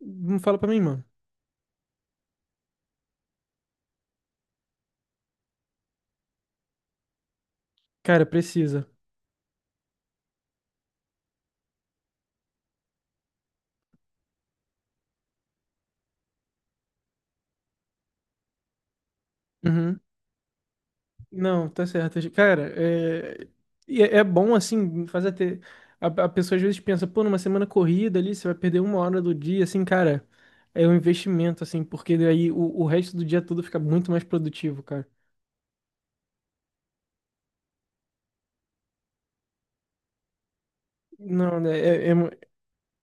Não fala pra mim, mano. Cara, precisa. Uhum. Não, tá certo. Cara, é bom assim, fazer ter. A pessoa às vezes pensa, pô, numa semana corrida ali, você vai perder uma hora do dia, assim, cara, é um investimento, assim, porque daí o resto do dia todo fica muito mais produtivo, cara. Não, né? É, é, mu-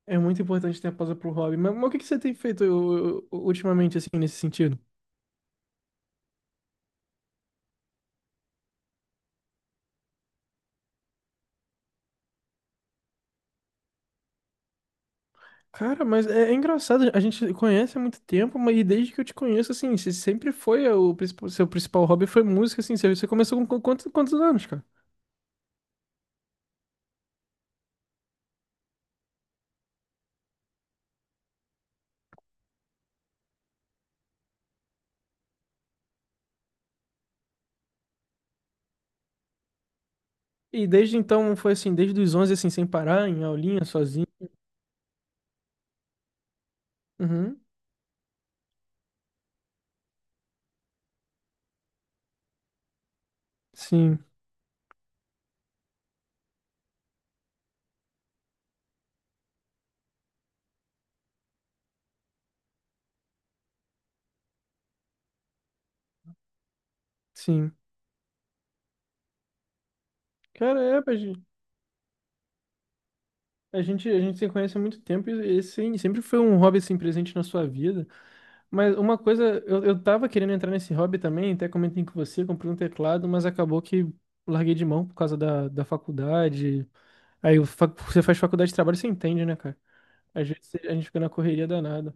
é muito importante ter a pausa pro hobby. Mas o que que você tem feito ultimamente, assim, nesse sentido? Cara, mas é, é engraçado, a gente conhece há muito tempo, mas e desde que eu te conheço, assim, você sempre foi o principal, seu principal hobby foi música, assim, você começou com quantos anos, cara? E desde então foi assim, desde os 11 assim, sem parar, em aulinha, sozinho. Uhum. Sim, sim. Cara, é, a gente se conhece há muito tempo e esse sempre foi um hobby, assim, presente na sua vida. Mas uma coisa, eu tava querendo entrar nesse hobby também, até comentei com você, comprei um teclado, mas acabou que larguei de mão por causa da faculdade. Aí o você faz faculdade de trabalho, você entende, né, cara? Às vezes a gente fica na correria danada.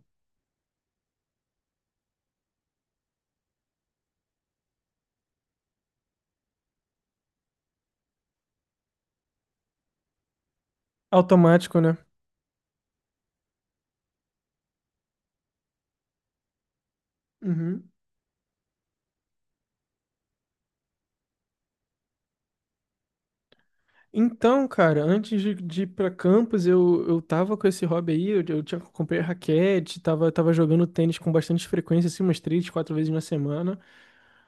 Automático, né? Uhum. Então, cara, antes de ir pra campus, eu tava com esse hobby aí, eu tinha, comprei raquete, tava jogando tênis com bastante frequência, assim, umas três, quatro vezes na semana.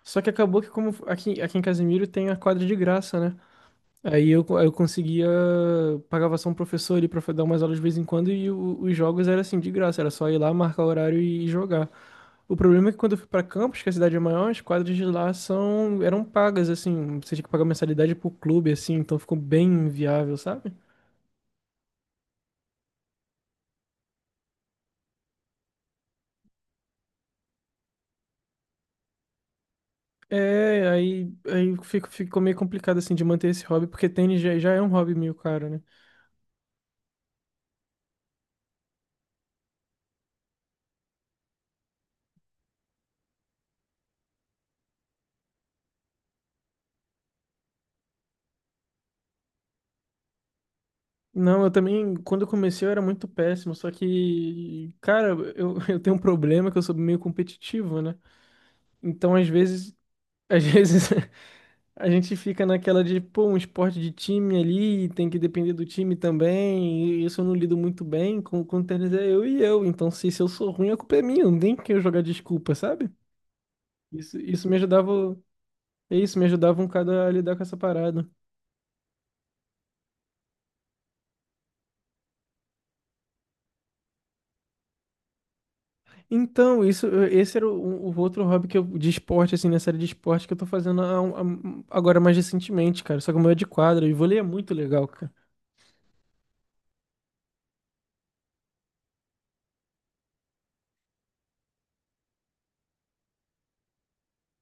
Só que acabou que como aqui, aqui em Casimiro tem a quadra de graça, né? Aí eu conseguia, pagava só um professor ali pra dar umas aulas de vez em quando e os jogos era assim, de graça, era só ir lá, marcar o horário e jogar. O problema é que quando eu fui pra Campos, que a cidade é maior, as quadras de lá são, eram pagas, assim, você tinha que pagar mensalidade pro clube, assim, então ficou bem inviável, sabe? É, ficou meio complicado, assim, de manter esse hobby, porque tênis já é um hobby meio caro, né? Não, eu também, quando eu comecei eu era muito péssimo, só que, cara, eu, eu tenho um problema que eu sou meio competitivo, né? Então, às vezes, às vezes a gente fica naquela de, pô, um esporte de time ali, tem que depender do time também. E isso eu não lido muito bem. Com o tênis é eu e eu. Então, se eu sou ruim, a culpa é minha. Não tem que eu jogar desculpa, sabe? Isso me ajudava. É isso, me ajudava um bocado a lidar com essa parada. Então, isso, esse era o outro hobby que eu, de esporte, assim, na série de esporte que eu tô fazendo agora mais recentemente, cara. Só que o meu é de quadra e vôlei é muito legal, cara.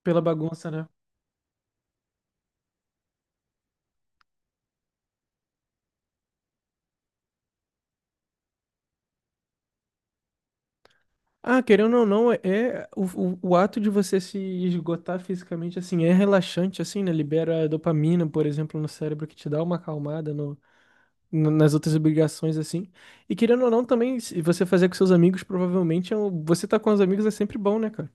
Pela bagunça, né? Ah, querendo ou não, é o ato de você se esgotar fisicamente, assim, é relaxante, assim, né? Libera dopamina, por exemplo, no cérebro, que te dá uma acalmada nas outras obrigações, assim. E querendo ou não, também, se você fazer com seus amigos, provavelmente, você tá com os amigos é sempre bom, né, cara?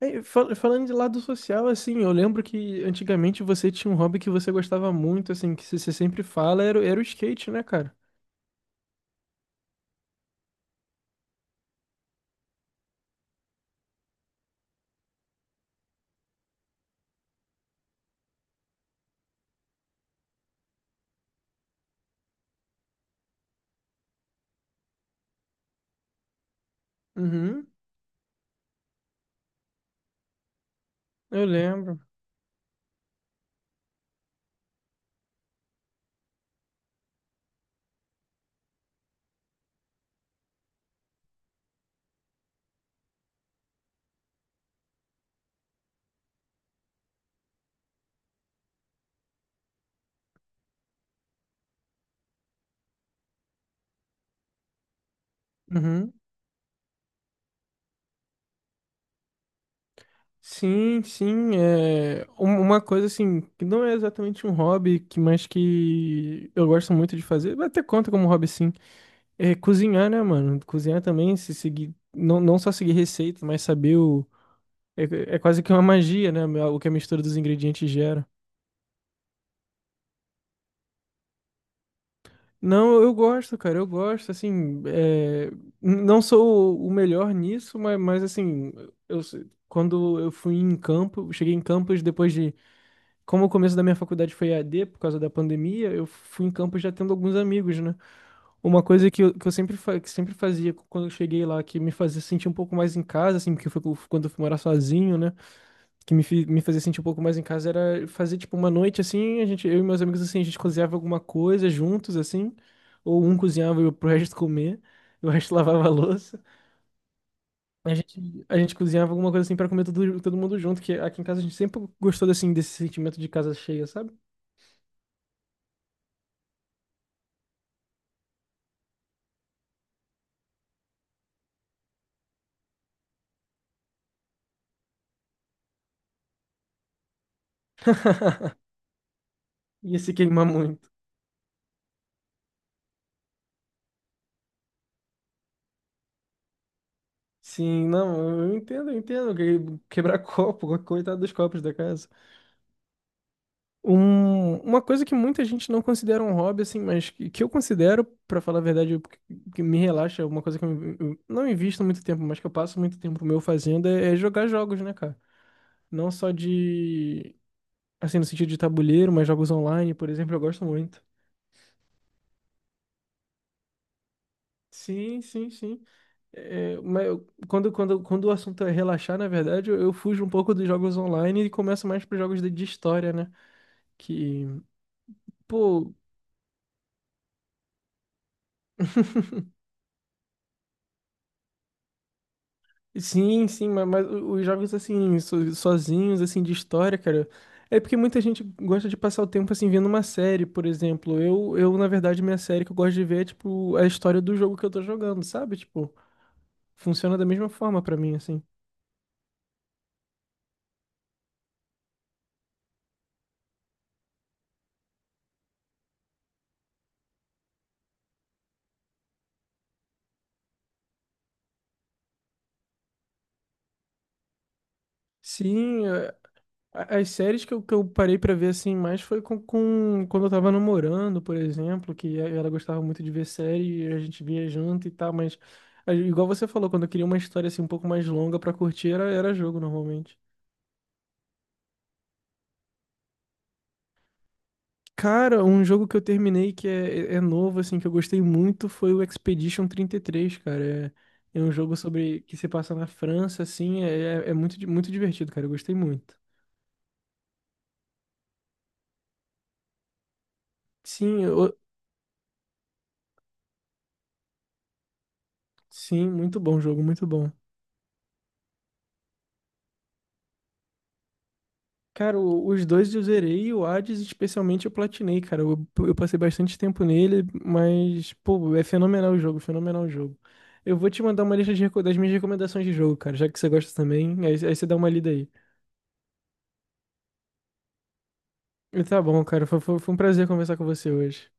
É, falando de lado social, assim, eu lembro que antigamente você tinha um hobby que você gostava muito, assim, que você sempre fala, era, era o skate, né, cara? Uhum, eu lembro. Uhum. Sim, sim, uma coisa assim, que não é exatamente um hobby, que mas que eu gosto muito de fazer, até conta como hobby sim, é cozinhar, né, mano? Cozinhar também, se seguir, não só seguir receita, mas saber o... É, é quase que uma magia, né, o que a mistura dos ingredientes gera. Não, eu gosto, cara, eu gosto, assim, não sou o melhor nisso, mas, assim, eu, quando eu fui em campo, cheguei em campos depois de como o começo da minha faculdade foi EAD por causa da pandemia, eu fui em campus já tendo alguns amigos, né? Uma coisa que sempre fazia quando eu cheguei lá, que me fazia sentir um pouco mais em casa, assim, porque foi quando eu fui morar sozinho, né? Que me fazia sentir um pouco mais em casa era fazer, tipo, uma noite, assim, a gente, eu e meus amigos, assim, a gente cozinhava alguma coisa juntos, assim, ou um cozinhava e pro resto comer, e o resto lavava a louça. A gente cozinhava alguma coisa, assim, pra comer todo mundo junto, que aqui em casa a gente sempre gostou, assim, desse sentimento de casa cheia, sabe? Ia se queimar muito. Sim, não, eu entendo, eu entendo. Quebrar copo, coitado dos copos da casa. Uma coisa que muita gente não considera um hobby, assim, mas que eu considero, pra falar a verdade, o que que me relaxa, uma coisa que eu não invisto muito tempo, mas que eu passo muito tempo meu fazendo é jogar jogos, né, cara? Não só de, assim, no sentido de tabuleiro, mas jogos online, por exemplo, eu gosto muito. Sim, sim, sim. É, mas quando o assunto é relaxar, na verdade, eu fujo um pouco dos jogos online e começo mais para jogos de história, né? Que, pô, sim, sim, mas, os jogos assim, sozinhos, assim, de história, cara. É porque muita gente gosta de passar o tempo assim vendo uma série, por exemplo. Eu, na verdade, minha série que eu gosto de ver é tipo a história do jogo que eu tô jogando, sabe? Tipo, funciona da mesma forma pra mim, assim. Sim. As séries que eu parei pra ver assim mais foi quando eu tava namorando, por exemplo, ela gostava muito de ver série e a gente via junto e tal, mas igual você falou, quando eu queria uma história assim um pouco mais longa pra curtir, era jogo normalmente. Cara, um jogo que eu terminei que é novo, assim, que eu gostei muito foi o Expedition 33 cara. É, é um jogo sobre que se passa na França, assim, é muito divertido, cara. Eu gostei muito. Sim, sim, muito bom jogo, muito bom. Cara, os dois eu zerei e o Hades especialmente eu platinei, cara. Eu passei bastante tempo nele, mas, pô, é fenomenal o jogo, fenomenal o jogo. Eu vou te mandar uma lista de, das minhas recomendações de jogo, cara, já que você gosta também, aí você dá uma lida aí. E tá bom, cara, foi um prazer conversar com você hoje.